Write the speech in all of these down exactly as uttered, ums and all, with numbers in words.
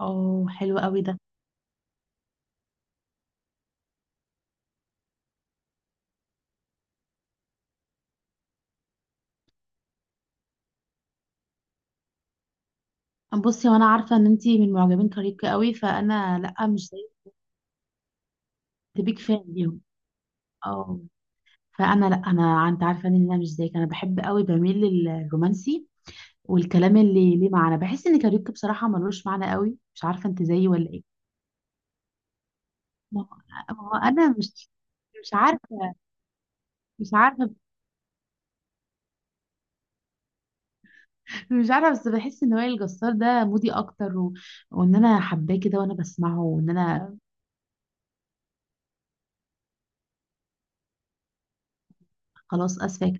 اه، حلو قوي ده. بصي، وانا عارفه ان انتي من معجبين كاريوكي قوي، فانا لا، مش زيك. كنت بيك فان ليهم. اه. فانا لا، انا انت عارفه ان انا مش زيك، انا بحب قوي، بميل للرومانسي والكلام اللي ليه معنى. بحس ان كاريوكي بصراحه ملوش معنى قوي، مش عارفه انت زيي ولا ايه؟ ما هو ما هو انا مش مش عارفه مش عارفه مش عارفه، بس بحس ان وائل الجسار ده مودي اكتر و... وان انا حباه كده وانا بسمعه وان انا خلاص اسفه.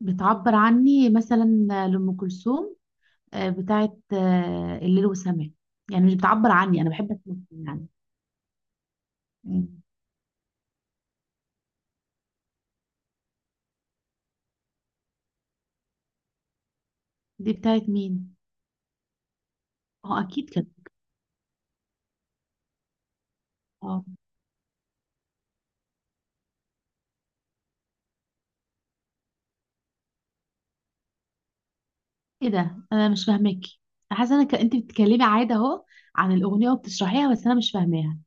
بتعبر عني مثلا، لأم كلثوم. آه، بتاعت آه، الليل والسماء. يعني مش بتعبر عني، انا بحب اسمعها يعني. مم. دي بتاعت مين؟ اه، اكيد كده. اه. ايه ده؟ انا مش فاهمك. حاسه انا، ك... انت بتتكلمي عادي اهو عن الاغنيه وبتشرحيها، بس انا مش فاهماها.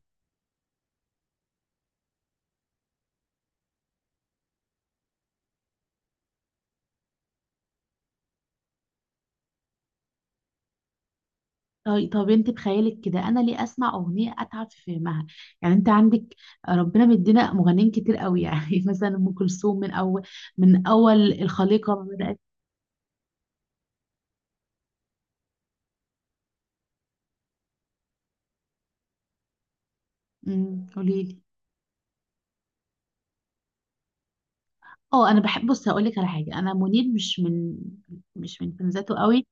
طيب، طب انت بخيالك كده، انا ليه اسمع اغنيه اتعب في فهمها؟ يعني انت عندك، آه، ربنا مدينا مغنيين كتير قوي يعني مثلا ام كلثوم من اول، من اول الخليقه ما بدات. امم قولي لي. اه، انا بحب. بص هقول لك على حاجه، انا منير مش من، مش من فانزاته قوي.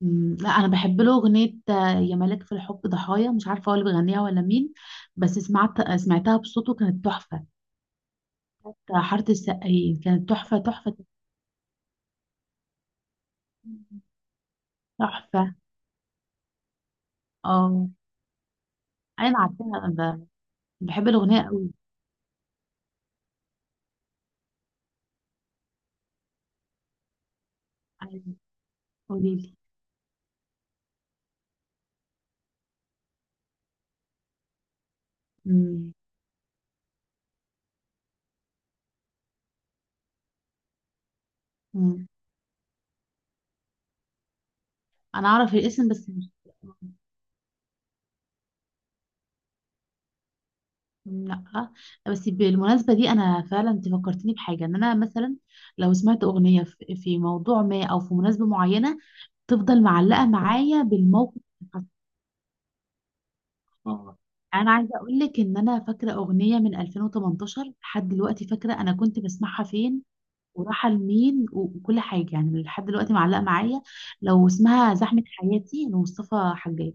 مم، لا، انا بحب له اغنيه آه، يا ملاك في الحب ضحايا، مش عارفه هو اللي بيغنيها ولا مين. بس سمعت، سمعتها بصوته كانت تحفه. بتاع حاره السقايين كانت تحفه، تحفه، تحفه. اه، انا عارفاها. انا بحب الاغنيه قوي. أيوة، قولي لي. مم، مم. انا اعرف الاسم بس. مش، لا. بس بالمناسبة دي، أنا فعلا، أنت فكرتني بحاجة، إن أنا مثلا لو سمعت أغنية في في موضوع ما، أو في مناسبة معينة، تفضل معلقة معايا بالموقف اللي حصل. اه، أنا عايزة أقول لك إن أنا فاكرة أغنية من ألفين وتمنتاشر، لحد دلوقتي فاكرة أنا كنت بسمعها فين، وراحة لمين، و- وكل حاجة، يعني لحد دلوقتي معلقة معايا. لو اسمها زحمة حياتي لمصطفى حجاج.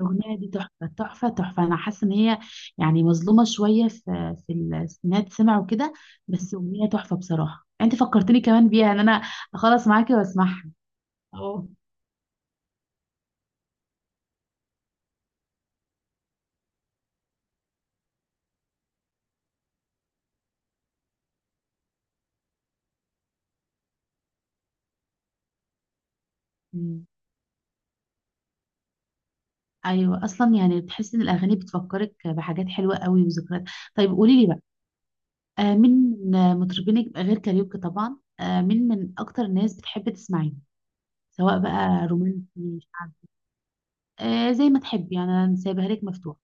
الأغنية دي تحفة، تحفة، تحفة. أنا حاسة إن هي يعني مظلومة شوية، في في ال- إنها تسمع وكده. بس أغنية تحفة بصراحة. أنت فكرتني كمان بيها إن أنا أخلص معاكي وأسمعها. اه. مم. أيوة، أصلا يعني بتحس إن الأغاني بتفكرك بحاجات حلوة قوي وذكريات. طيب قولي لي بقى. آه، مين من مطربينك غير كاريوكي طبعا؟ آه، مين من أكتر الناس بتحب تسمعيه، سواء بقى رومانسي، شعبي؟ آه، زي ما تحبي يعني، أنا سايبها لك مفتوحة.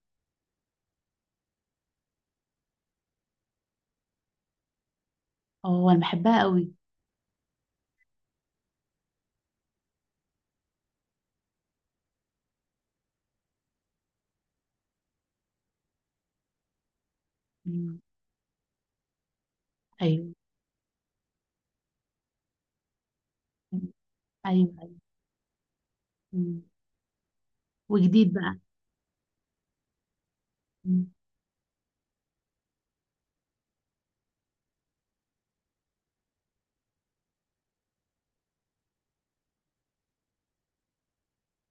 أه، أنا بحبها قوي. مم. أيوة. ايوه، ايوه. مم. وجديد بقى؟ مم.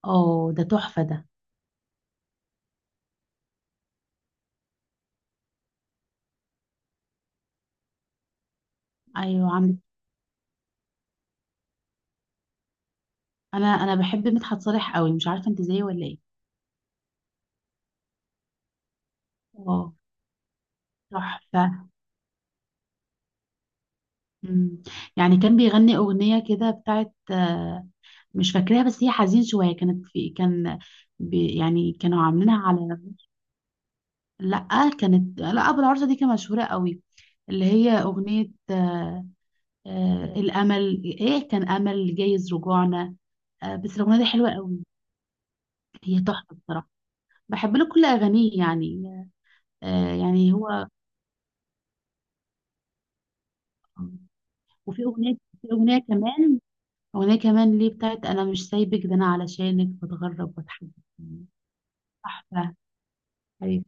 اه، ده تحفه ده. ايوه، عم. انا انا بحب مدحت صالح قوي، مش عارفه انت زيي ولا ايه؟ اه، تحفه. مم. يعني كان بيغني اغنيه كده بتاعت، آه، مش فاكراها، بس هي حزين شويه، كانت في، كان، بي يعني كانوا عاملينها على. لا، كانت، لا، ابو العروسه دي كانت مشهوره قوي. اللي هي اغنيه آه، آه، الامل، ايه كان؟ امل جايز رجوعنا. آه، بس الاغنيه دي حلوه قوي. هي تحفه بصراحه. بحب له كل اغانيه يعني. آه يعني هو. وفي اغنيه، في اغنيه كمان، اغنيه كمان ليه بتاعت انا مش سايبك، ده انا علشانك بتغرب واتحب. تحفه. حبيبي.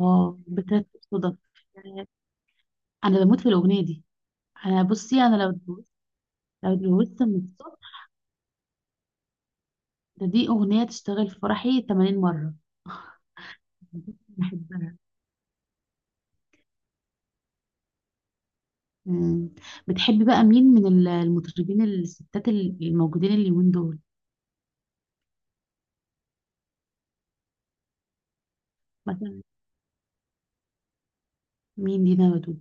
اه، بترتب صدف. آه، انا بموت في الاغنيه دي. انا بصي انا لو اتجوزت، لو اتجوزت من الصبح، ده دي اغنيه تشتغل في فرحي تمانين مره. بحبها. مم. بتحبي بقى مين من ال- المطربين الستات ال- الموجودين اليومين دول؟ مثلا. مين دينا ودود؟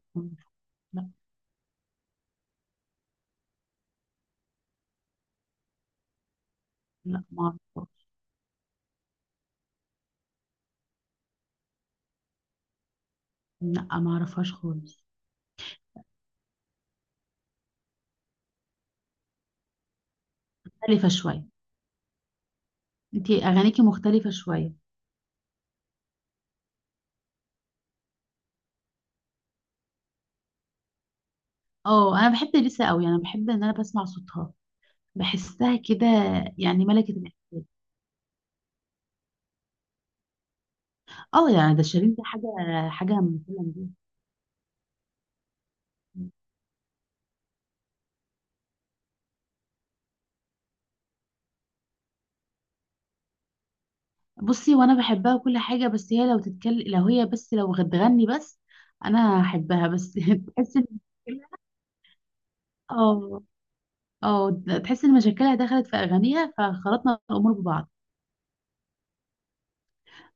لا، ما اعرفهاش. لا، ما اعرفهاش خالص. مختلفة شوية. انتي اغانيكي مختلفة شوية. اه، انا بحب اليسا قوي، انا بحب ان انا بسمع صوتها، بحسها كده. يعني ملكة ال- اه، يعني ده شيرين، ده حاجة. حاجة من كل دي. بصي، وانا بحبها وكل حاجة، بس هي لو تتكلم، لو هي بس، لو بتغني بس، انا هحبها بس تحس ان، اه، اه. تحس ان مشاكلها دخلت في اغانيها فخلطنا الامور ببعض.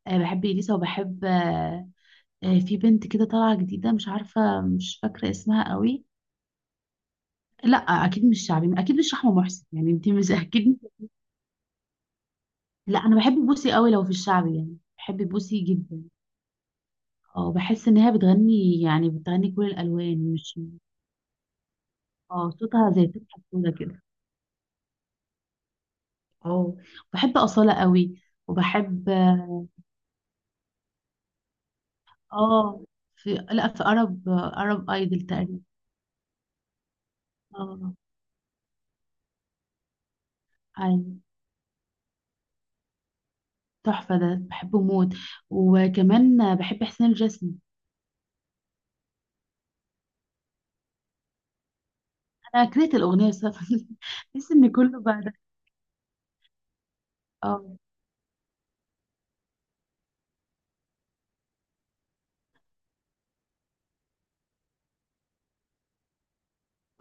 أه، بحب اليسا وبحب. آه، في بنت كده طالعة جديدة، مش عارفة، مش فاكرة اسمها قوي. لا، أكيد مش شعبي، أكيد مش رحمة محسن يعني، أنت مش أكيد. لا، أنا بحب بوسي قوي، لو في الشعبي يعني بحب بوسي جدا. اه، بحس إن هي بتغني، يعني بتغني كل الألوان مش. اه، صوتها زي فتحة سودا كده. اه، بحب أصالة قوي وبحب. اه آه، في، لا، في أرب أرب أيدل تقريبا. اه. أيوة. تحفة ده، بحبه موت. وكمان بحب حسين الجسمي. كانت الأغنية بسبب تحس إن كله بعد. اه،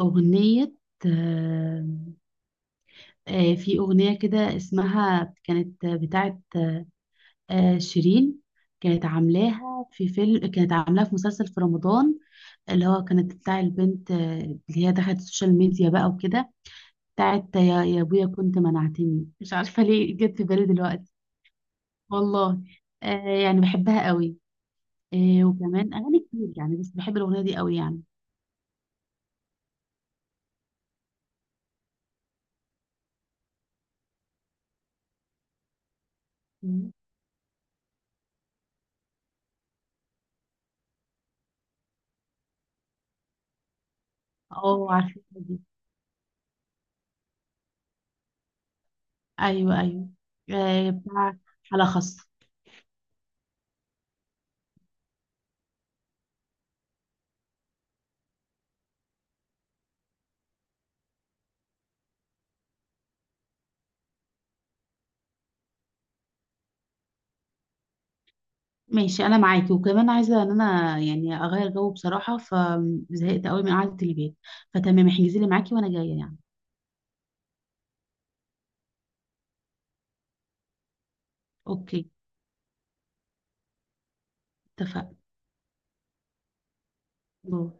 أغنية. آه، آه، في أغنية كده اسمها، كانت بتاعت آه، شيرين. كانت عاملاها في فيلم، كانت عاملاها في مسلسل في رمضان. اللي هو كانت بتاع البنت، آه، اللي هي دخلت السوشيال ميديا بقى وكده. بتاعت يا يا أبويا كنت منعتني. مش عارفة ليه جت في بالي دلوقتي. والله. آه، يعني بحبها قوي. آه، وكمان أغاني كتير يعني، بس بحب الأغنية دي قوي يعني. مم. اه، عارفة. ايوه، ايوه. آه، بتاع على خاص. ماشي، انا معاكي. وكمان عايزه ان انا يعني اغير جو بصراحه، فزهقت قوي من قعده البيت. فتمام، احجزي لي معاكي وانا جايه يعني. اوكي، اتفقنا. باي.